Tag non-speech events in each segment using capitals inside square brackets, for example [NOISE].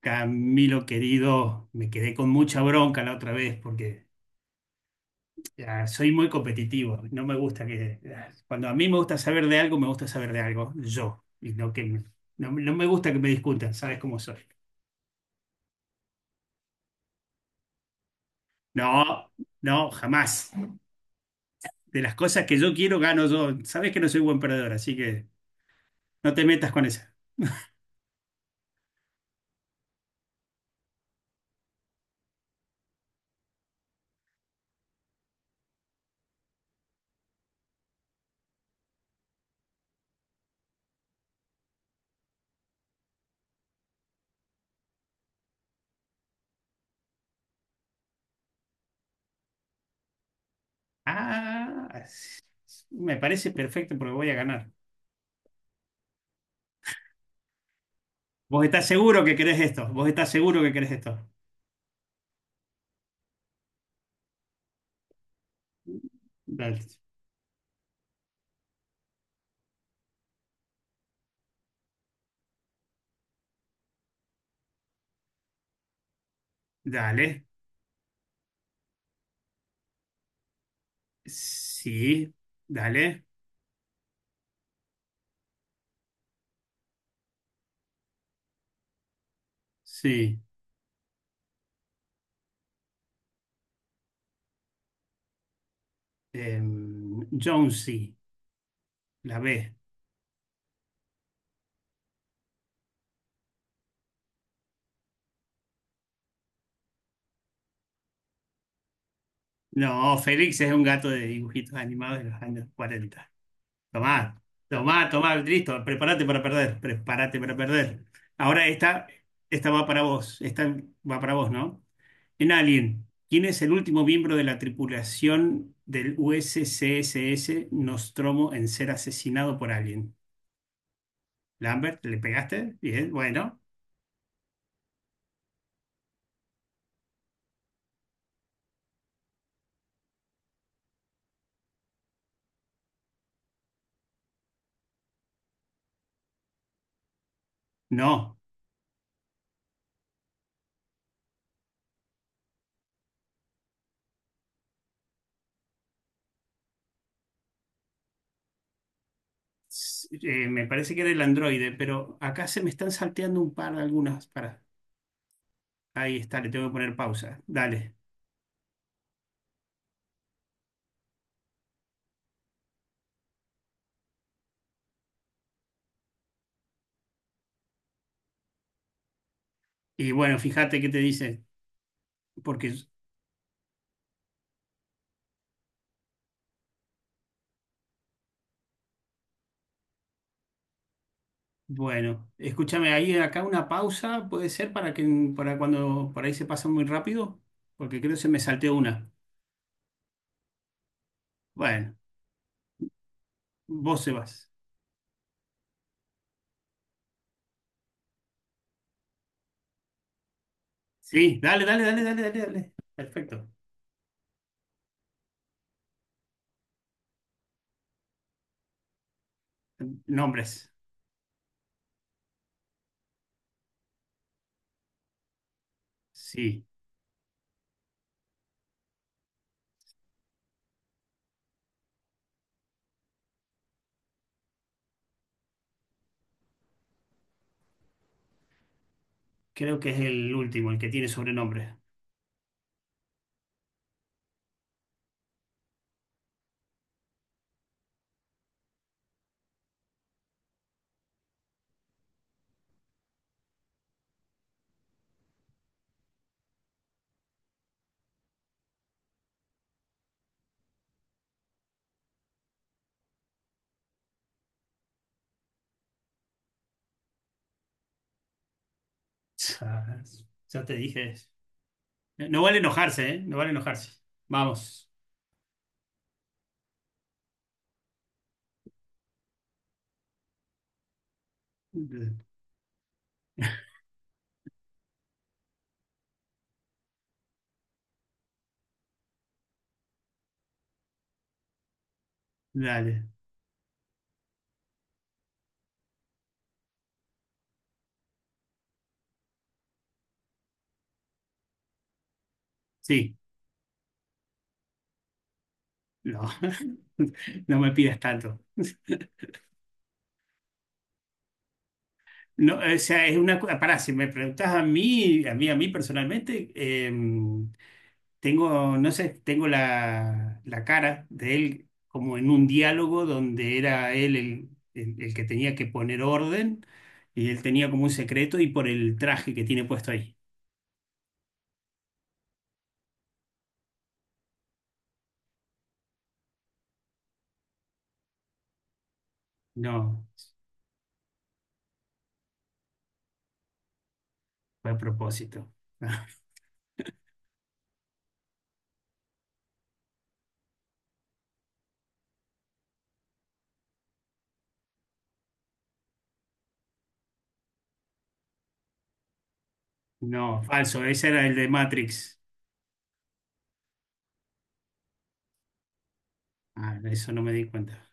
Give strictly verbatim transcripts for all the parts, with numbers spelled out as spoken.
Camilo querido, me quedé con mucha bronca la otra vez porque ah, soy muy competitivo. No me gusta que ah, cuando a mí me gusta saber de algo, me gusta saber de algo yo. Y no que me- no, no me gusta que me discutan, ¿sabes cómo soy? No, no, jamás. De las cosas que yo quiero, gano yo. Sabes que no soy buen perdedor, así que no te metas con esa. Ah, s- s- me parece perfecto porque voy a ganar. ¿Vos estás seguro que querés esto? ¿Vos estás seguro que querés esto? Dale. Dale. Sí, dale. Sí. Em, Jonesy, la B. No, Félix es un gato de dibujitos animados de los años cuarenta. Tomá, tomá, tomá, listo. Prepárate para perder, prepárate para perder. Ahora esta, esta va para vos. Esta va para vos, ¿no? En Alien, ¿quién es el último miembro de la tripulación del U S C S S Nostromo en ser asesinado por Alien? ¿Lambert, le pegaste? Bien, bueno. No. S- eh, me parece que era el androide, pero acá se me están salteando un par de algunas. Para, ahí está, le tengo que poner pausa. Dale. Y bueno, fíjate qué te dice, porque, bueno, escúchame, ahí acá una pausa puede ser para que para cuando por ahí se pasa muy rápido, porque creo que se me salteó una. Bueno, vos se vas. Sí, dale, dale, dale, dale, dale, dale. Perfecto. Nombres. Sí, creo que es el último, el que tiene sobrenombre. [LAUGHS] Ya te dije. No, no vale enojarse, ¿eh? No vale enojarse. Vamos. D- Dale. Sí. No. [LAUGHS] No me pidas tanto. No, o sea, es una cosa. Pará, si me preguntás a mí, a mí, a mí personalmente, eh, tengo, no sé, tengo la, la cara de él como en un diálogo donde era él el, el el que tenía que poner orden y él tenía como un secreto y por el traje que tiene puesto ahí. No, fue a propósito. [LAUGHS] No, falso, ese era el de Matrix. Ah, eso no me di cuenta.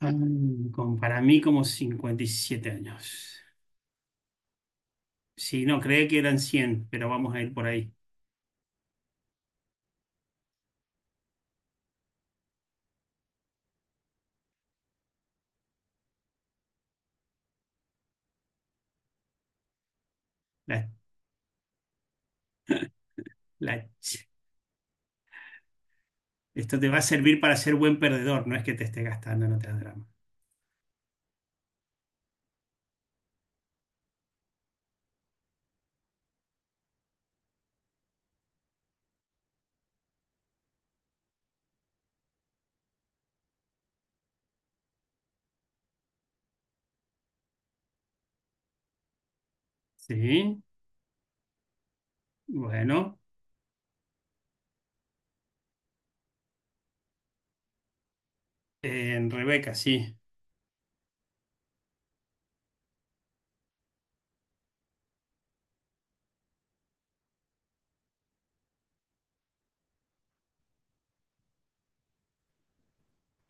Ah, con- para mí como cincuenta y siete años. Sí, no, creía que eran cien pero vamos a ir por ahí. La- la- Esto te va a servir para ser buen perdedor, no es que te esté gastando en otras drama. Sí, bueno, en Rebeca, sí.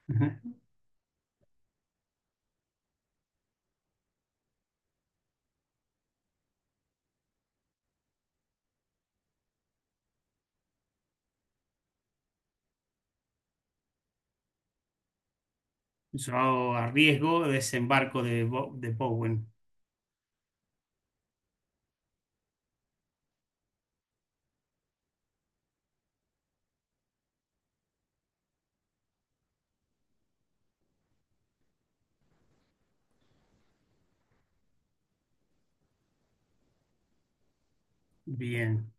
Ajá. Yo arriesgo desembarco de, Bo- de Bowen. Bien,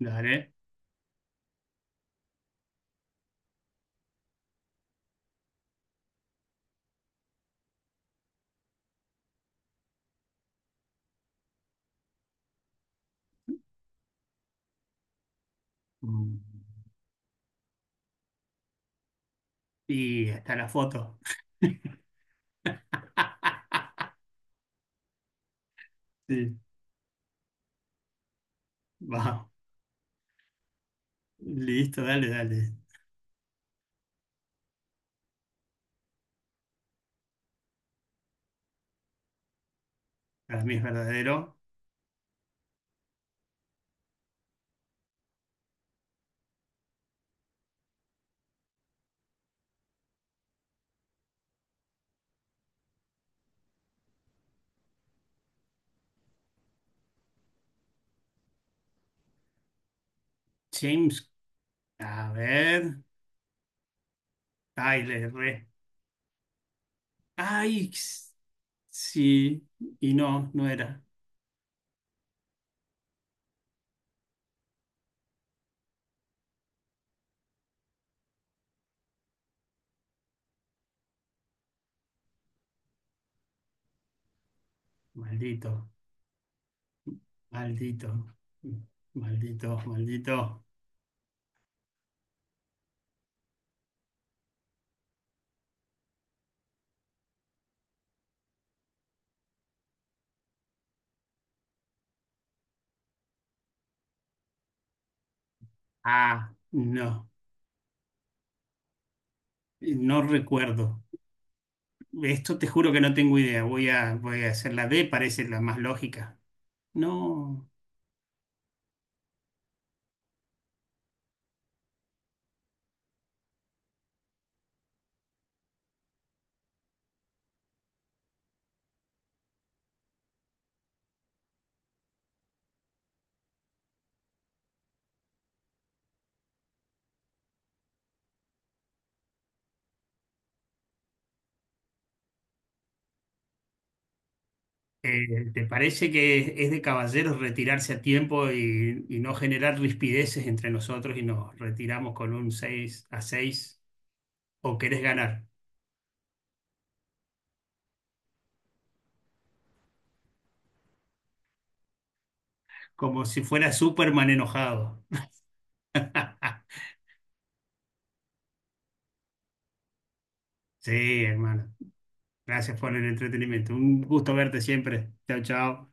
dale. Mm. Y está la foto. [LAUGHS] Sí, vamos. Listo, dale, dale. Para mí es verdadero. James, a ver, ay, le erré. Ay, x- sí, y no, no era. Maldito, maldito, maldito, maldito. Ah, no, no recuerdo. Esto te juro que no tengo idea. Voy a, voy a hacer la D, parece la más lógica. No. Eh, ¿te parece que es de caballeros retirarse a tiempo y, y no generar rispideces entre nosotros y nos retiramos con un seis a seis? ¿O querés ganar? Como si fuera Superman enojado. [LAUGHS] Sí, hermano. Gracias por el entretenimiento. Un gusto verte siempre. Chao, chao.